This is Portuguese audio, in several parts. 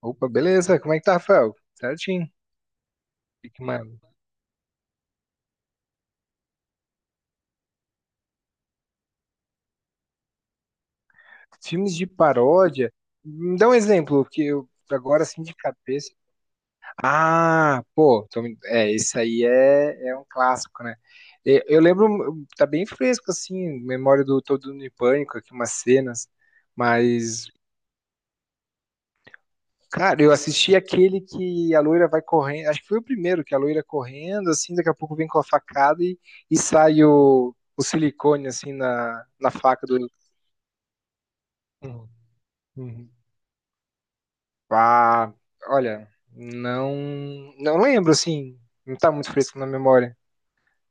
Opa, beleza. Como é que tá, Rafael? Certinho. Fique mano. Filmes de paródia. Me dá um exemplo, porque eu agora assim de cabeça. Ah, pô, esse aí é um clássico, né? Eu lembro, tá bem fresco assim, memória do Todo Mundo em Pânico, aqui umas cenas, mas cara, eu assisti aquele que a loira vai correndo, acho que foi o primeiro que a loira correndo assim, daqui a pouco vem com e sai o silicone assim na faca do Uhum. Ah, olha, não, não lembro, assim. Não tá muito fresco na memória.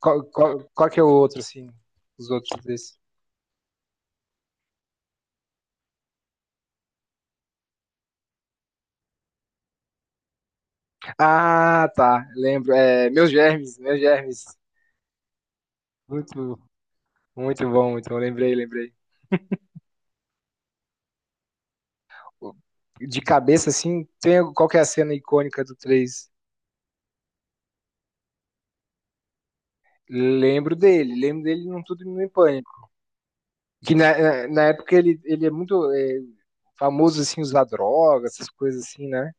Qual que é o outro, assim? Os outros desse. Ah, tá. Lembro. É, meus germes, meus germes. Muito, muito bom, muito bom. Lembrei, lembrei. De cabeça, assim, tem qual que é a cena icônica do 3? Lembro dele num Tudo em Pânico. Que na época ele é muito famoso, assim, usar drogas, essas coisas assim, né?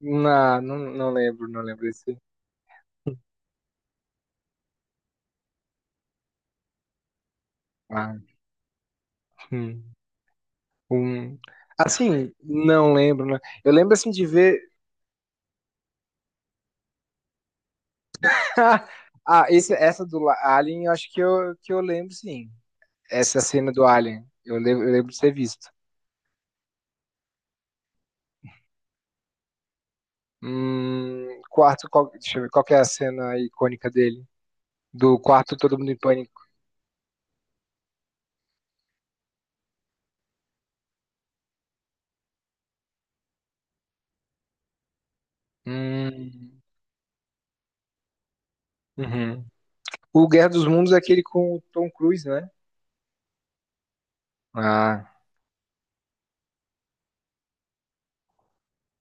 Não lembro, não lembro esse. Ah, hum, hum. Assim, não lembro, né? Eu lembro assim de ver. Ah, essa do Alien, eu acho que eu lembro, sim. Essa cena do Alien, eu lembro de ter visto. Quarto, qual, deixa eu ver, qual que é a cena icônica dele? Do quarto Todo Mundo em Pânico. Hum, uhum. O Guerra dos Mundos é aquele com o Tom Cruise, né? Ah.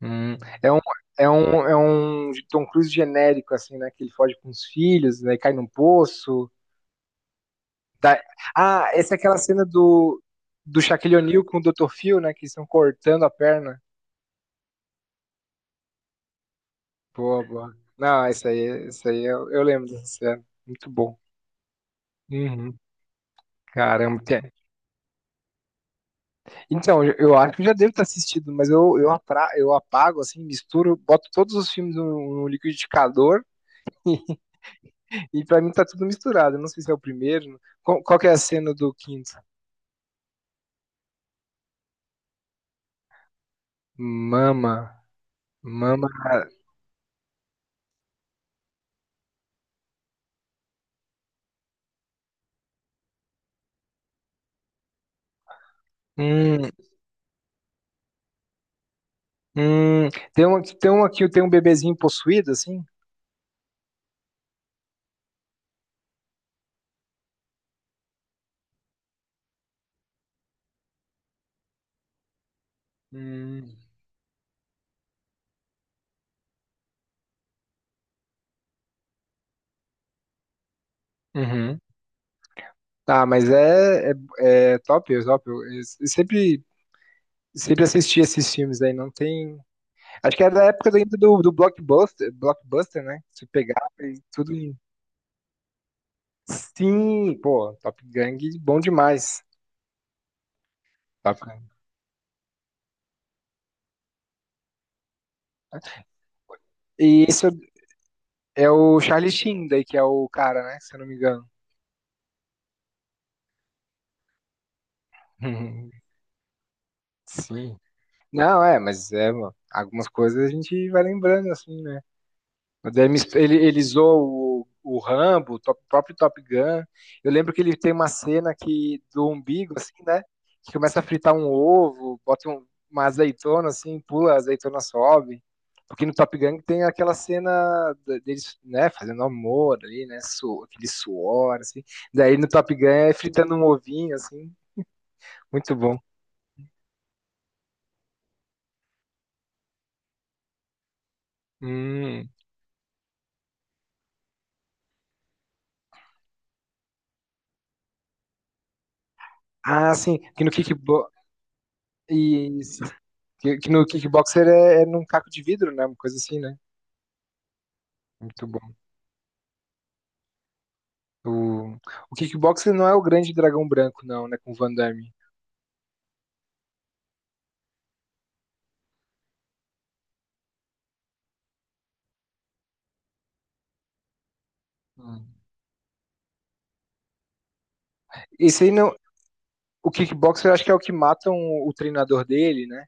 Hum, é um, é um Tom Cruise genérico, assim, né? Que ele foge com os filhos, né? E cai num poço. tá- Ah, essa é aquela cena do, do Shaquille O'Neal com o Dr. Phil, né? Que estão cortando a perna. Boa, boa. Não, isso aí, eu lembro dessa cena. Muito bom. Uhum. Caramba. Então, eu acho que eu já devo ter assistido, mas eu apago, assim, misturo, boto todos os filmes no liquidificador e pra mim tá tudo misturado. Eu não sei se é o primeiro. Qual que é a cena do quinto? Mama, mama. Hum, tem um bebezinho possuído, assim? Hum. Uhum. Tá, é top, é top. Sempre assisti esses filmes aí, não tem. Acho que era da época ainda do Blockbuster, Blockbuster, né? Se pegava e tudo. Sim, pô, Top Gang, bom demais. Top Gang. Né? E esse é o Charlie Sheen, daí, que é o cara, né? Se eu não me engano. Sim. Não, é, mas é, mano, algumas coisas a gente vai lembrando, assim, né? O Demis, ele zoou o Rambo, o próprio Top Gun. Eu lembro que ele tem uma cena que, do umbigo, assim, né? Que começa a fritar um ovo, bota uma azeitona, assim, pula, a azeitona sobe. Porque no Top Gun tem aquela cena de deles, né, fazendo amor ali, né? Su, aquele suor, assim. Daí no Top Gun é fritando um ovinho, assim. Muito bom. Hum. Ah, sim, que no kickbox. Que no kickboxer é, é num caco de vidro, né? Uma coisa assim, né? Muito bom. O, o kickboxer não é o grande dragão branco, não, né? Com o Van Damme. Hum. Esse aí não. O kickboxer eu acho que é o que matam o treinador dele, né?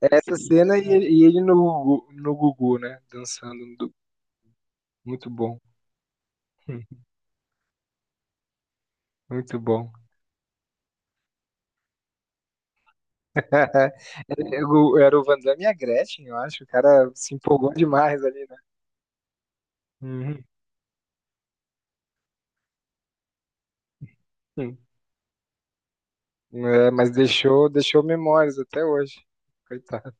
É essa cena e, e ele no Gugu, né? Dançando. No Muito bom. Hum, Muito bom. Era o Van Damme e a Gretchen, eu acho. O cara se empolgou demais ali, né? Uhum. Hum. É, mas deixou, deixou memórias até hoje. Coitado.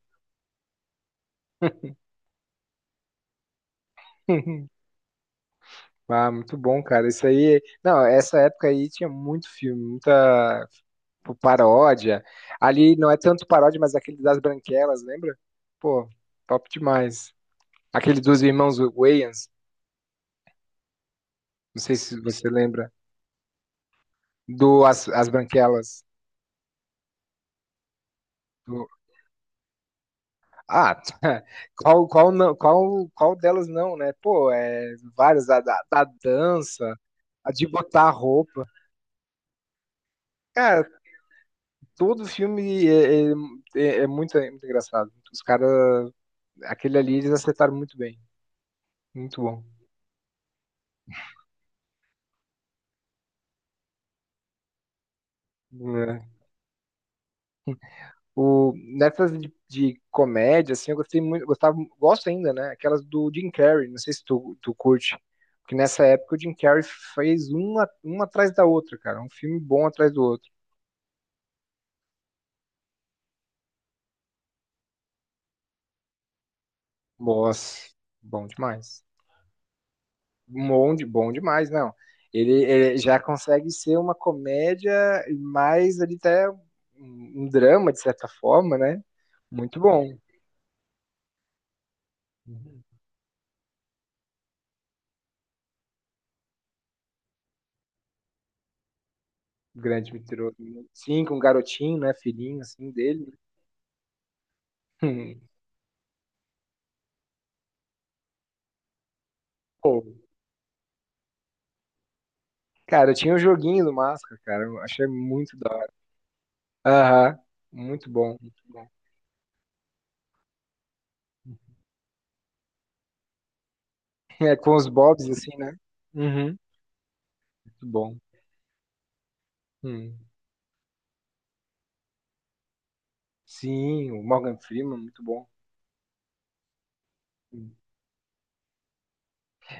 Ah, muito bom, cara. Isso aí. Não, essa época aí tinha muito filme, paródia. Ali não é tanto paródia, mas aquele das Branquelas, lembra? Pô, top demais. Aquele dos irmãos Wayans, não sei se você lembra, do As Branquelas. Do- Ah, qual delas não, né? Pô, é várias, da dança, a de botar a roupa. Cara, todo filme é é muito engraçado. Os caras aquele ali eles acertaram muito bem. Muito bom. É. Nessas de comédia, assim, eu gostei muito, gostava, gosto ainda, né? Aquelas do Jim Carrey, não sei se tu curte. Porque nessa época o Jim Carrey fez uma atrás da outra, cara. Um filme bom atrás do outro. Nossa, bom demais. Bom demais, não. Ele já consegue ser uma comédia, mas ele até um drama, de certa forma, né? Muito bom. Uhum. Grande mentiroso. Né? Sim, com um garotinho, né? Filhinho, assim, dele. Pô, cara, eu tinha um joguinho do Máscara, cara. Eu achei muito da hora. Aham, muito bom, muito bom. É, com os Bobs, assim, né? Uhum, muito bom. Hum. Sim, o Morgan Freeman, muito bom. Hum.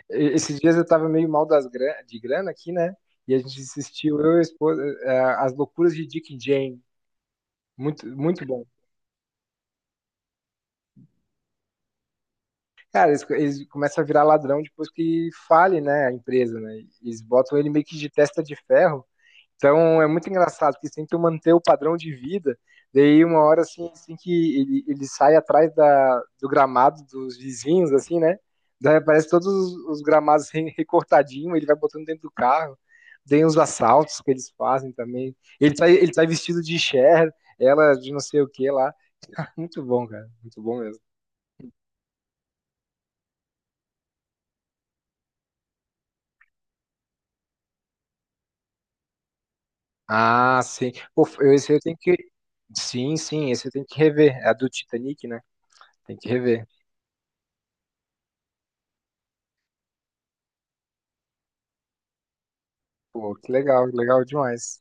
Esses dias eu tava meio de grana aqui, né? E a gente assistiu, eu e a esposa, As Loucuras de Dick e Jane. Muito bom. Cara, eles começam a virar ladrão depois que fale, né, a empresa, né? Eles botam ele meio que de testa de ferro. Então é muito engraçado, porque eles tentam manter o padrão de vida. Daí uma hora assim, assim que ele sai atrás da, do gramado dos vizinhos, assim, né? Daí aparece todos os gramados recortadinho, ele vai botando dentro do carro. Tem os assaltos que eles fazem também. Ele tá vestido de Cher, ela de não sei o que lá. Muito bom, cara. Muito bom mesmo. Ah, sim. Pô, eu, esse eu tenho que, sim, sim, esse tem que rever. É a do Titanic, né? Tem que rever. Pô, que legal, legal demais.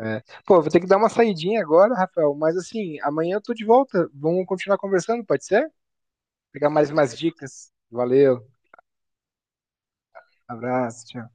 É. Pô, vou ter que dar uma saidinha agora, Rafael, mas assim, amanhã eu tô de volta. Vamos continuar conversando, pode ser? Pegar mais umas dicas. Valeu, abraço, tchau.